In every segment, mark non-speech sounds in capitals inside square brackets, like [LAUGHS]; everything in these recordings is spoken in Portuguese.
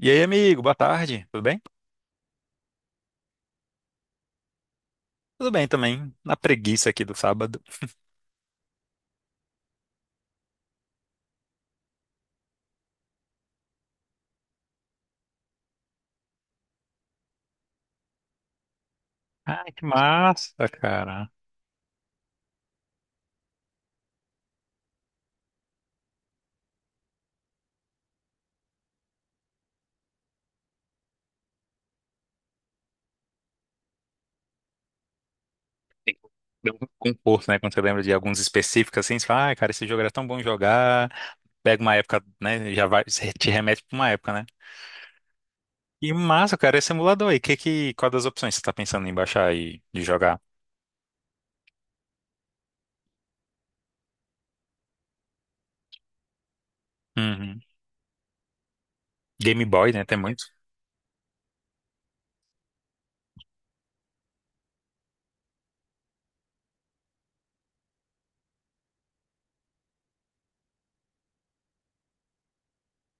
E aí, amigo, boa tarde, tudo bem? Tudo bem também, na preguiça aqui do sábado. Ah, que massa, cara. Tem- Dá um conforto, né? Quando você lembra de alguns específicos assim, você fala, ah, cara, esse jogo era tão bom jogar. Pega uma época, né? Já vai, [LAUGHS] você te remete pra uma época, né? E massa, cara, esse emulador aí, qual das opções você tá pensando em baixar e de jogar? Uhum. Game Boy, né? Tem muito.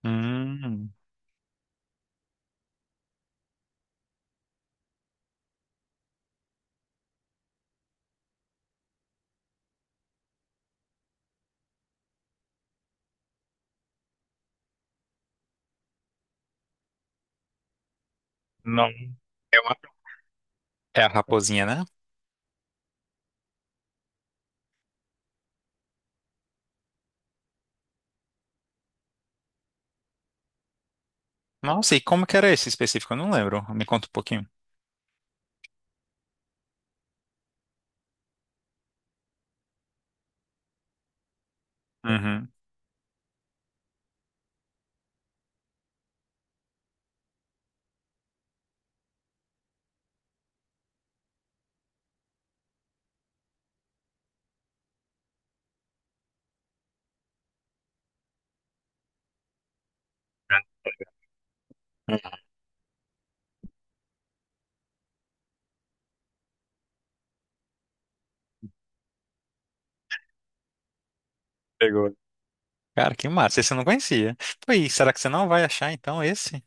Hum, não. Uma- é a raposinha, né? Nossa, e como que era esse específico? Eu não lembro. Me conta um pouquinho. Uhum. Pegou. Cara, que massa. Esse eu não conhecia. Pô, e será que você não vai achar então esse?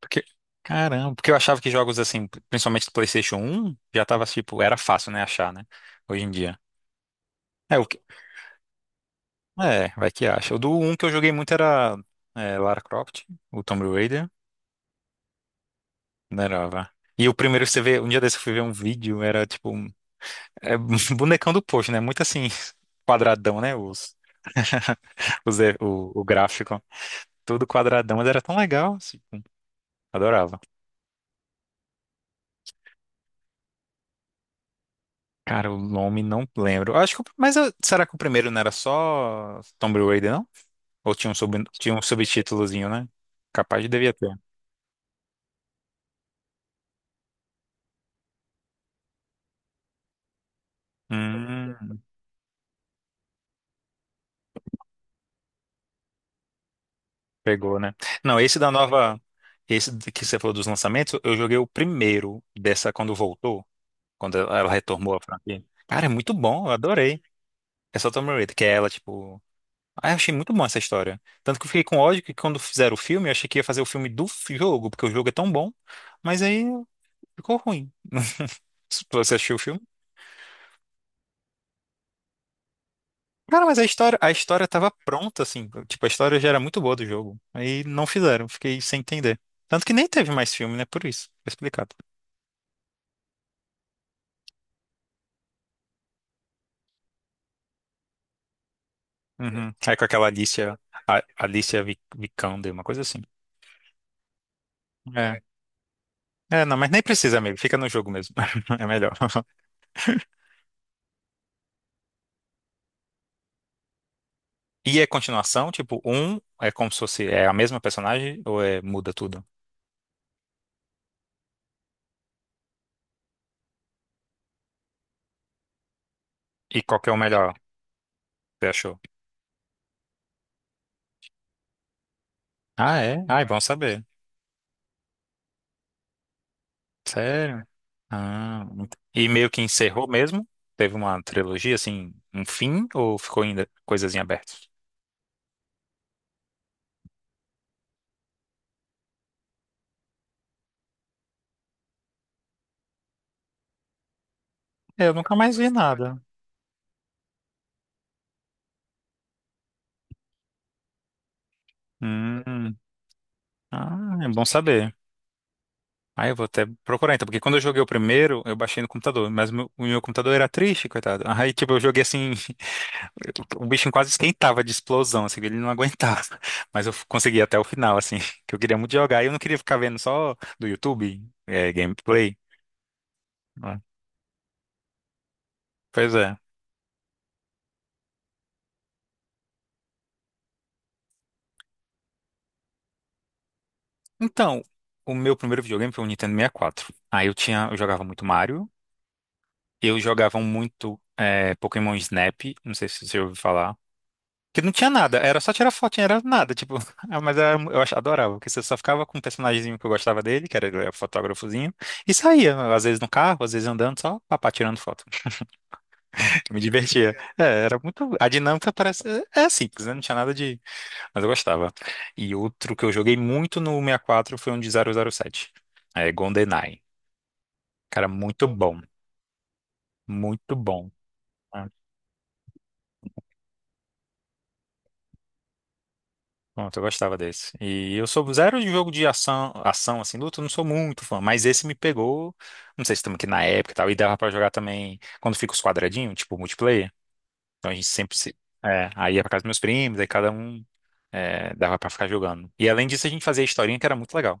Porque, caramba, porque eu achava que jogos assim, principalmente do PlayStation um, já tava tipo, era fácil, né, achar, né? Hoje em dia. É, o que... é, vai que acha. O do um que eu joguei muito era Lara Croft, o Tomb Raider, não era, vá. E o primeiro que você vê, um dia desse eu fui ver um vídeo, era tipo, é, [LAUGHS] bonecão do posto, né? Muito assim, [LAUGHS] quadradão, né? O gráfico, tudo quadradão, mas era tão legal, assim, adorava. Cara, o nome não lembro. Eu acho que será que o primeiro não era só Tomb Raider, não? Ou tinha tinha um subtítulozinho, né? Capaz de devia ter. Hum, pegou, né? Não, esse da nova. Esse que você falou dos lançamentos, eu joguei o primeiro dessa quando voltou, quando ela retomou a franquia. Cara, é muito bom, eu adorei. É só Tomb Raider, que é ela, tipo. Ah, eu achei muito bom essa história. Tanto que eu fiquei com ódio que quando fizeram o filme, eu achei que ia fazer o filme do jogo, porque o jogo é tão bom, mas aí ficou ruim. Você assistiu o filme? Cara, mas a história tava pronta, assim. Tipo, a história já era muito boa do jogo. Aí não fizeram, fiquei sem entender. Tanto que nem teve mais filme, né? Por isso, tá explicado. É. Uhum. Aí com aquela Alicia, a, Vikander, uma coisa assim. É. É, não, mas nem precisa, amigo. Fica no jogo mesmo. [LAUGHS] É melhor. E é continuação, tipo, um é como se fosse, é a mesma personagem ou é muda tudo? E qual que é o melhor, você achou? Ah, é? Ah, é bom saber. Sério? Ah, muito- e meio que encerrou mesmo? Teve uma trilogia, assim, um fim? Ou ficou ainda coisas em aberto? Eu nunca mais vi nada. Hum, ah, é bom saber. Ah, eu vou até procurar então, porque quando eu joguei o primeiro, eu baixei no computador, mas o meu computador era triste, coitado. Aí, tipo, eu joguei assim, [LAUGHS] o bichinho quase esquentava de explosão, assim, ele não aguentava. [LAUGHS] Mas eu consegui até o final, assim, [LAUGHS] que eu queria muito jogar e eu não queria ficar vendo só do YouTube, é, gameplay. Né? Pois é. Então, o meu primeiro videogame foi um Nintendo sessenta e Quatro. Aí eu tinha, eu jogava muito Mario, eu jogava muito Pokémon Snap, não sei se você ouviu falar. Que não tinha nada, era só tirar fotinha, era nada, tipo, [LAUGHS] ah, mas adorava, porque você só ficava com um personagemzinho que eu gostava dele, que era ele era fotógrafozinho, e saía, às vezes no carro, às vezes andando, só papá tirando foto. [LAUGHS] Eu me divertia. É, era muito. A dinâmica parece. É é simples, né? Não tinha nada de. Mas eu gostava. E outro que eu joguei muito no 64 foi um de zero zero sete. É, GoldenEye. Cara, muito bom. Muito bom. Ah, pronto, eu gostava desse. E eu sou zero de jogo de ação, ação assim, luta, eu não sou muito fã, mas esse me pegou. Não sei se estamos aqui na época e tal. E dava pra jogar também quando fica os quadradinhos, tipo multiplayer. Então a gente sempre se. É, aí ia pra casa dos meus primos, aí cada um dava pra ficar jogando. E além disso, a gente fazia historinha que era muito legal.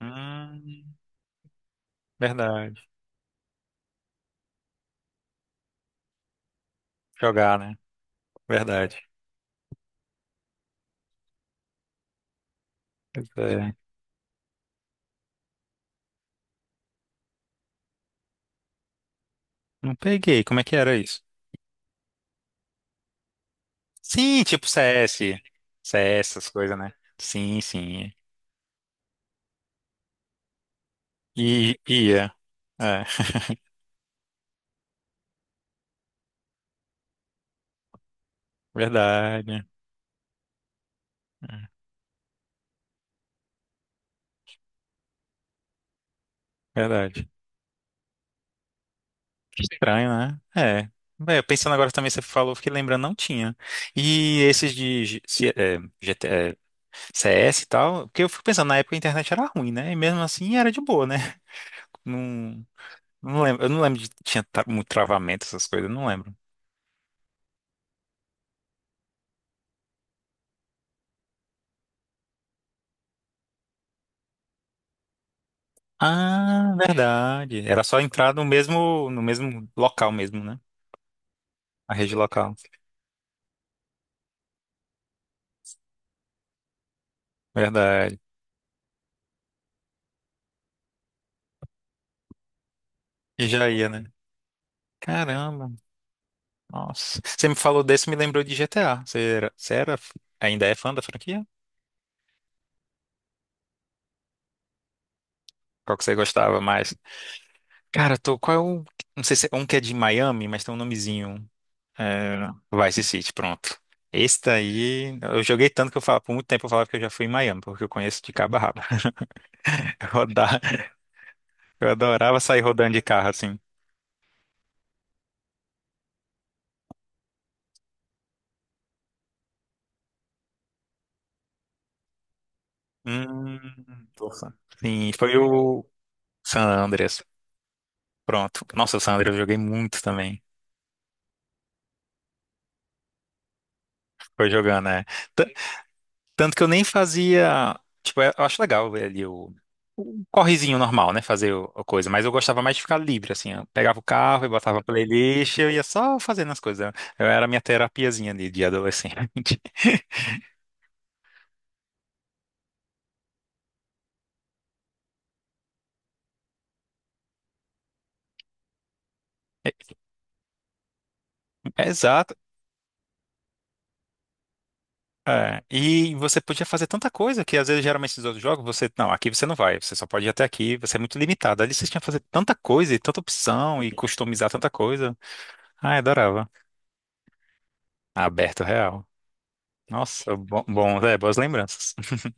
Hum, verdade. Jogar, né? Verdade. Pois é. Não peguei. Como é que era isso? Sim, tipo CS, essas coisas, né? Sim, sim. E ia. É. [LAUGHS] Verdade, verdade. Que estranho, né? É. Bem, eu pensando agora também, você falou, fiquei lembrando, não tinha. E esses de GT CS e tal, porque eu fico pensando, na época a internet era ruim, né? E mesmo assim era de boa, né? Não, não lembro, eu não lembro de muito travamento, essas coisas, eu não lembro. Ah, verdade. Era só entrar no mesmo local mesmo, né? A rede local. Verdade. E já ia, né? Caramba, nossa. Você me falou desse, me lembrou de GTA. Ainda é fã da franquia? Qual que você gostava mais? Cara, tô, qual é o, não sei se é um que é de Miami, mas tem um nomezinho. É, Vice City, pronto. Esse daí, eu joguei tanto que eu falava, por muito tempo eu falava que eu já fui em Miami, porque eu conheço de cabo a rabo. [LAUGHS] Eu rodava- eu adorava sair rodando de carro assim. Hum, nossa. Sim, foi o San Andreas. Pronto. Nossa, Sandra, eu joguei muito também. Foi jogando, né? Tan- Tanto que eu nem fazia. Tipo, é, eu acho legal ver ali o correzinho normal, né? A coisa. Mas eu gostava mais de ficar livre, assim. Eu pegava o carro e botava a playlist, eu ia só fazendo as coisas. Eu era a minha terapiazinha ali de adolescente. [LAUGHS] É, é exato. É, e você podia fazer tanta coisa que às vezes geralmente esses outros jogos você, não, aqui você não vai, você só pode ir até aqui, você é muito limitado. Ali você tinha que fazer tanta coisa e tanta opção e customizar tanta coisa. Ah, adorava. Aberto real. Nossa, bom, bom, é, boas lembranças. [LAUGHS]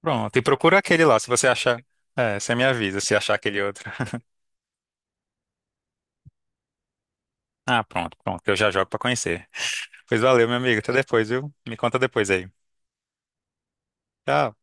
Pronto, e procura aquele lá, se você achar. É, você me avisa se achar aquele outro. [LAUGHS] Ah, pronto, pronto, eu já jogo pra conhecer. Pois valeu, meu amigo, até depois, viu? Me conta depois aí. Tchau.